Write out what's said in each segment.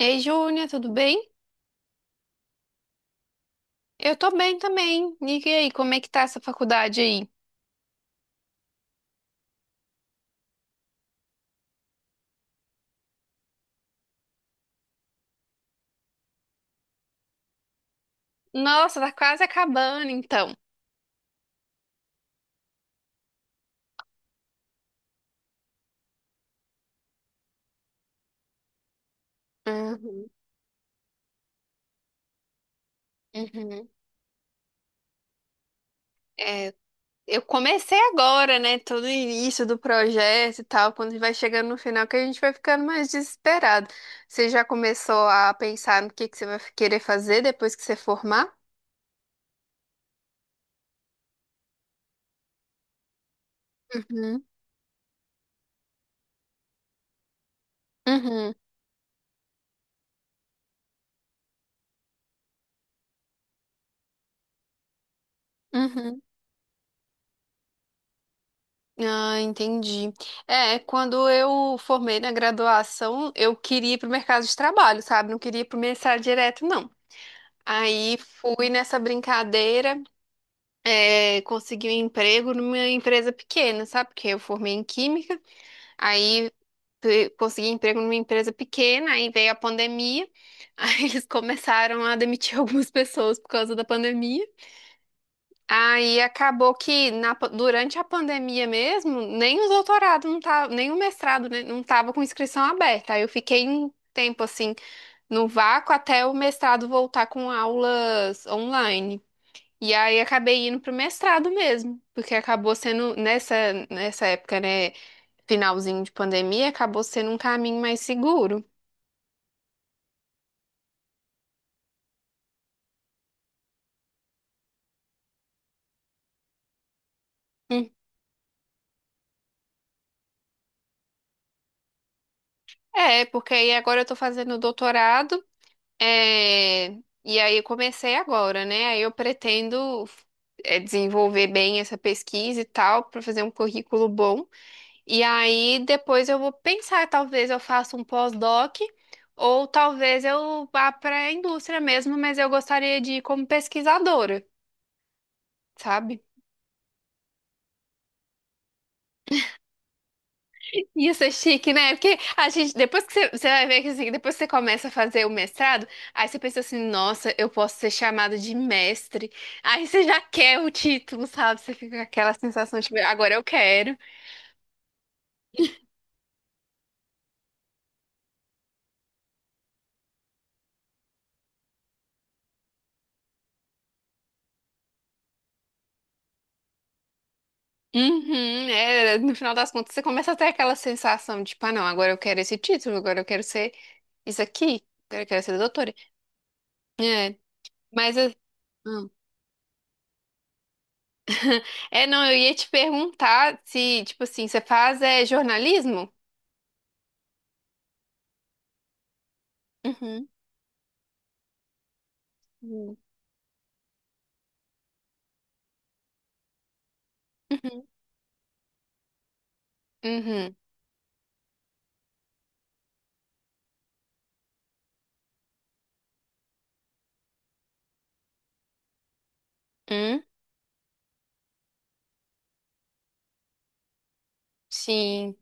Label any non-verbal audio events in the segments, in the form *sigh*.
Ei, Júnia, tudo bem? Eu tô bem também. E aí, como é que tá essa faculdade aí? Nossa, tá quase acabando, então. Uhum, uhum. É, eu comecei agora, né? Todo o início do projeto e tal. Quando vai chegando no final, que a gente vai ficando mais desesperado. Você já começou a pensar no que você vai querer fazer depois que você formar? Uhum, uhum, uhum. Ah, entendi. É, quando eu formei na graduação, eu queria ir pro mercado de trabalho, sabe? Não queria ir pro mestrado direto, não. Aí fui nessa brincadeira, consegui um emprego numa empresa pequena, sabe? Porque eu formei em química, aí consegui emprego numa empresa pequena, aí veio a pandemia, *laughs* aí eles começaram a demitir *laughs* algumas pessoas por causa da pandemia. Aí acabou que durante a pandemia mesmo, nem os doutorados não tava, nem o mestrado, né, não tava com inscrição aberta. Aí eu fiquei um tempo assim no vácuo até o mestrado voltar com aulas online. E aí acabei indo pro mestrado mesmo, porque acabou sendo nessa época, né, finalzinho de pandemia, acabou sendo um caminho mais seguro. Hum. É, porque aí agora eu tô fazendo doutorado. É, e aí eu comecei agora, né? Aí eu pretendo desenvolver bem essa pesquisa e tal, para fazer um currículo bom. E aí depois eu vou pensar, talvez eu faça um pós-doc, ou talvez eu vá para a indústria mesmo, mas eu gostaria de ir como pesquisadora, sabe? Isso é chique, né? Porque a gente, depois que você, você vai ver que assim, depois que você começa a fazer o mestrado, aí você pensa assim, nossa, eu posso ser chamado de mestre. Aí você já quer o título, sabe? Você fica com aquela sensação de, agora eu quero. Uhum, é, no final das contas, você começa a ter aquela sensação de, tipo, ah, não, agora eu quero esse título, agora eu quero ser isso aqui, agora eu quero ser doutora. É, mas... hum. É, não, eu ia te perguntar se, tipo assim, você faz jornalismo? Uhum. Uhum. Uhum. Hum? Sim,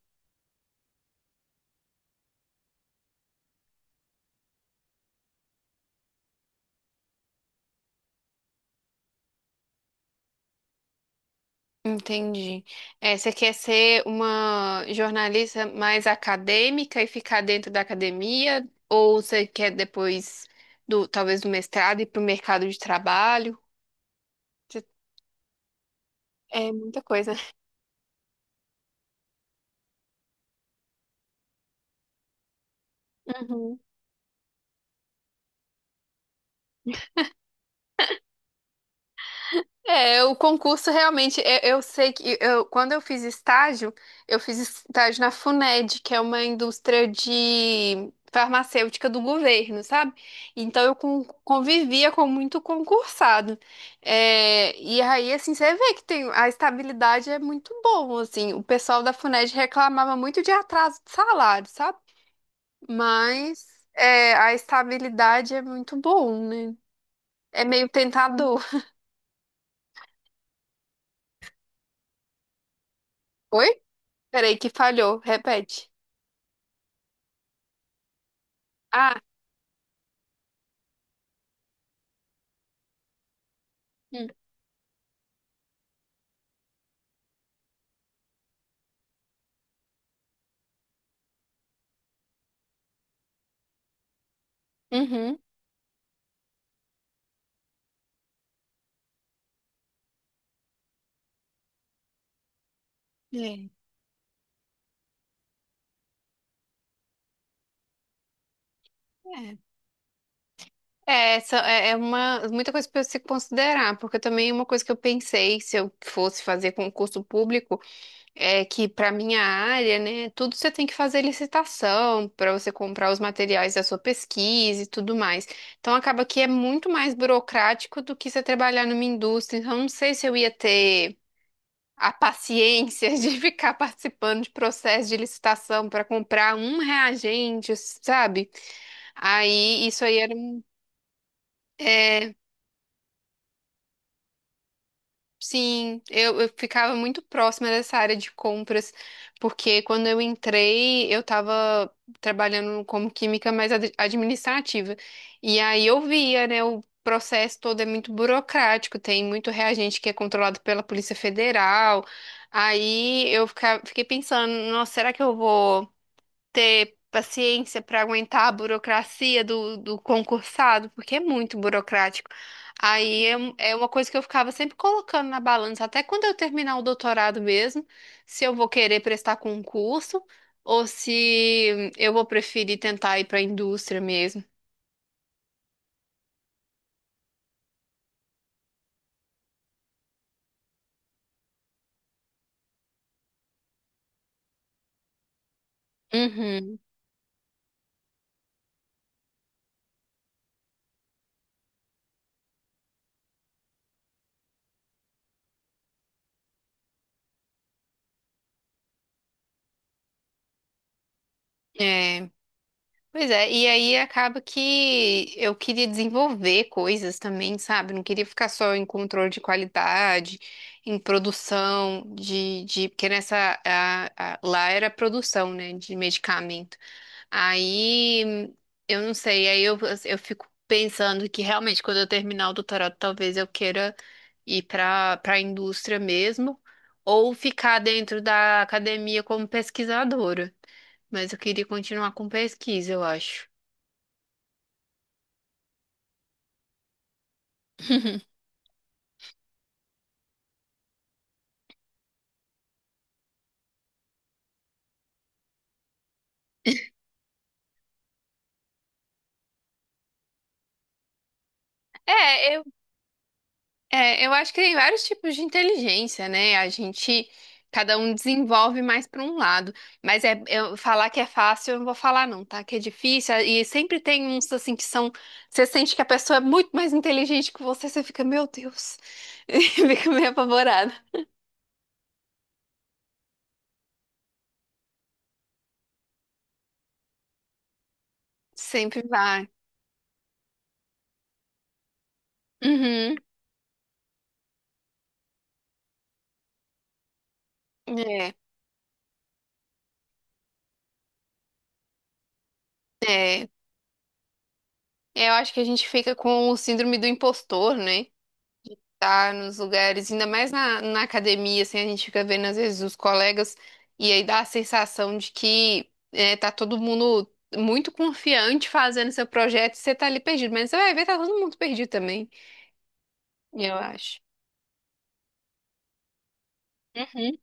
entendi. É, você quer ser uma jornalista mais acadêmica e ficar dentro da academia? Ou você quer depois do, talvez do mestrado ir para o mercado de trabalho? Você- É muita coisa. Uhum. É, o concurso realmente, eu sei que eu, quando eu fiz estágio na Funed, que é uma indústria de farmacêutica do governo, sabe? Então eu convivia com muito concursado. É, e aí, assim, você vê que tem, a estabilidade é muito bom, assim. O pessoal da Funed reclamava muito de atraso de salário, sabe? Mas a estabilidade é muito bom, né? É meio tentador. Oi? Peraí, que falhou. Repete. Ah, hum, uhum. É, é. Essa é uma muita coisa para se considerar, porque também uma coisa que eu pensei se eu fosse fazer concurso público é que para minha área, né, tudo você tem que fazer licitação para você comprar os materiais da sua pesquisa e tudo mais. Então acaba que é muito mais burocrático do que você trabalhar numa indústria. Então não sei se eu ia ter a paciência *laughs* de ficar participando de processo de licitação para comprar um reagente, sabe? Aí, isso aí era. É, sim, eu ficava muito próxima dessa área de compras, porque quando eu entrei, eu estava trabalhando como química, mas administrativa. E aí eu via, né, o processo todo é muito burocrático, tem muito reagente que é controlado pela Polícia Federal. Aí eu fiquei pensando, nossa, será que eu vou. Ter paciência para aguentar a burocracia do, do concursado, porque é muito burocrático. Aí é uma coisa que eu ficava sempre colocando na balança, até quando eu terminar o doutorado mesmo, se eu vou querer prestar concurso ou se eu vou preferir tentar ir para a indústria mesmo. Uhum. É. Pois é, e aí acaba que eu queria desenvolver coisas também, sabe? Não queria ficar só em controle de qualidade, em produção de porque nessa lá era produção, né, de medicamento. Aí eu não sei, aí eu fico pensando que realmente quando eu terminar o doutorado, talvez eu queira ir para a indústria mesmo, ou ficar dentro da academia como pesquisadora. Mas eu queria continuar com pesquisa, eu acho. É, eu, eu acho que tem vários tipos de inteligência, né? A gente, cada um desenvolve mais para um lado. Mas é, eu falar que é fácil, eu não vou falar não, tá? Que é difícil. E sempre tem uns assim que são. Você sente que a pessoa é muito mais inteligente que você, você fica, meu Deus, *laughs* e fica meio apavorada. Sempre vai. Uhum. É, é. Eu acho que a gente fica com o síndrome do impostor, né? Estar nos lugares, ainda mais na academia, assim, a gente fica vendo às vezes os colegas e aí dá a sensação de tá todo mundo muito confiante fazendo seu projeto e você tá ali perdido, mas você vai ver, tá todo mundo perdido também, eu acho. Uhum.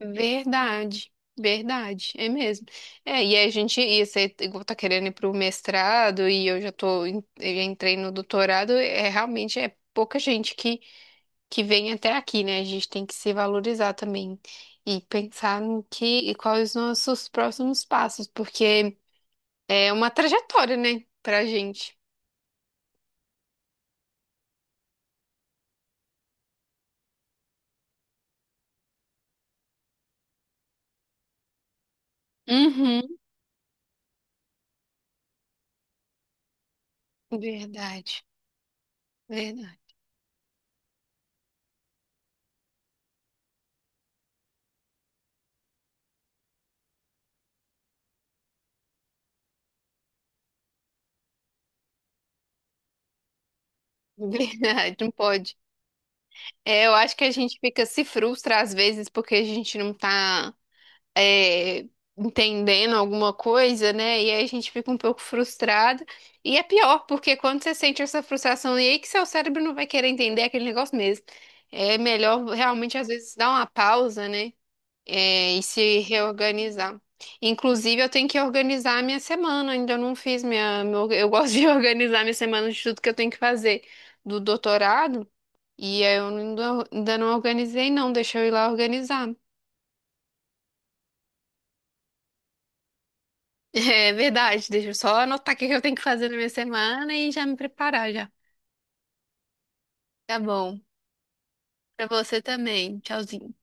Verdade, verdade, é mesmo. É, e a gente, e você igual tá querendo ir pro mestrado e eu já tô, eu já entrei no doutorado, é realmente é pouca gente que vem até aqui, né? A gente tem que se valorizar também e pensar no que e quais os nossos próximos passos, porque é uma trajetória, né, pra gente. Uhum. Verdade, verdade, *laughs* verdade, não pode. É, eu acho que a gente fica se frustra às vezes porque a gente não tá é, entendendo alguma coisa, né? E aí a gente fica um pouco frustrado. E é pior, porque quando você sente essa frustração, e aí que seu cérebro não vai querer entender aquele negócio mesmo. É melhor realmente, às vezes, dar uma pausa, né? É, e se reorganizar. Inclusive, eu tenho que organizar a minha semana, ainda não fiz eu gosto *laughs* de organizar minha semana de tudo que eu tenho que fazer do doutorado, e aí eu ainda, ainda não organizei, não, deixa eu ir lá organizar. É verdade, deixa eu só anotar o que que eu tenho que fazer na minha semana e já me preparar já. Tá bom. Pra você também. Tchauzinho.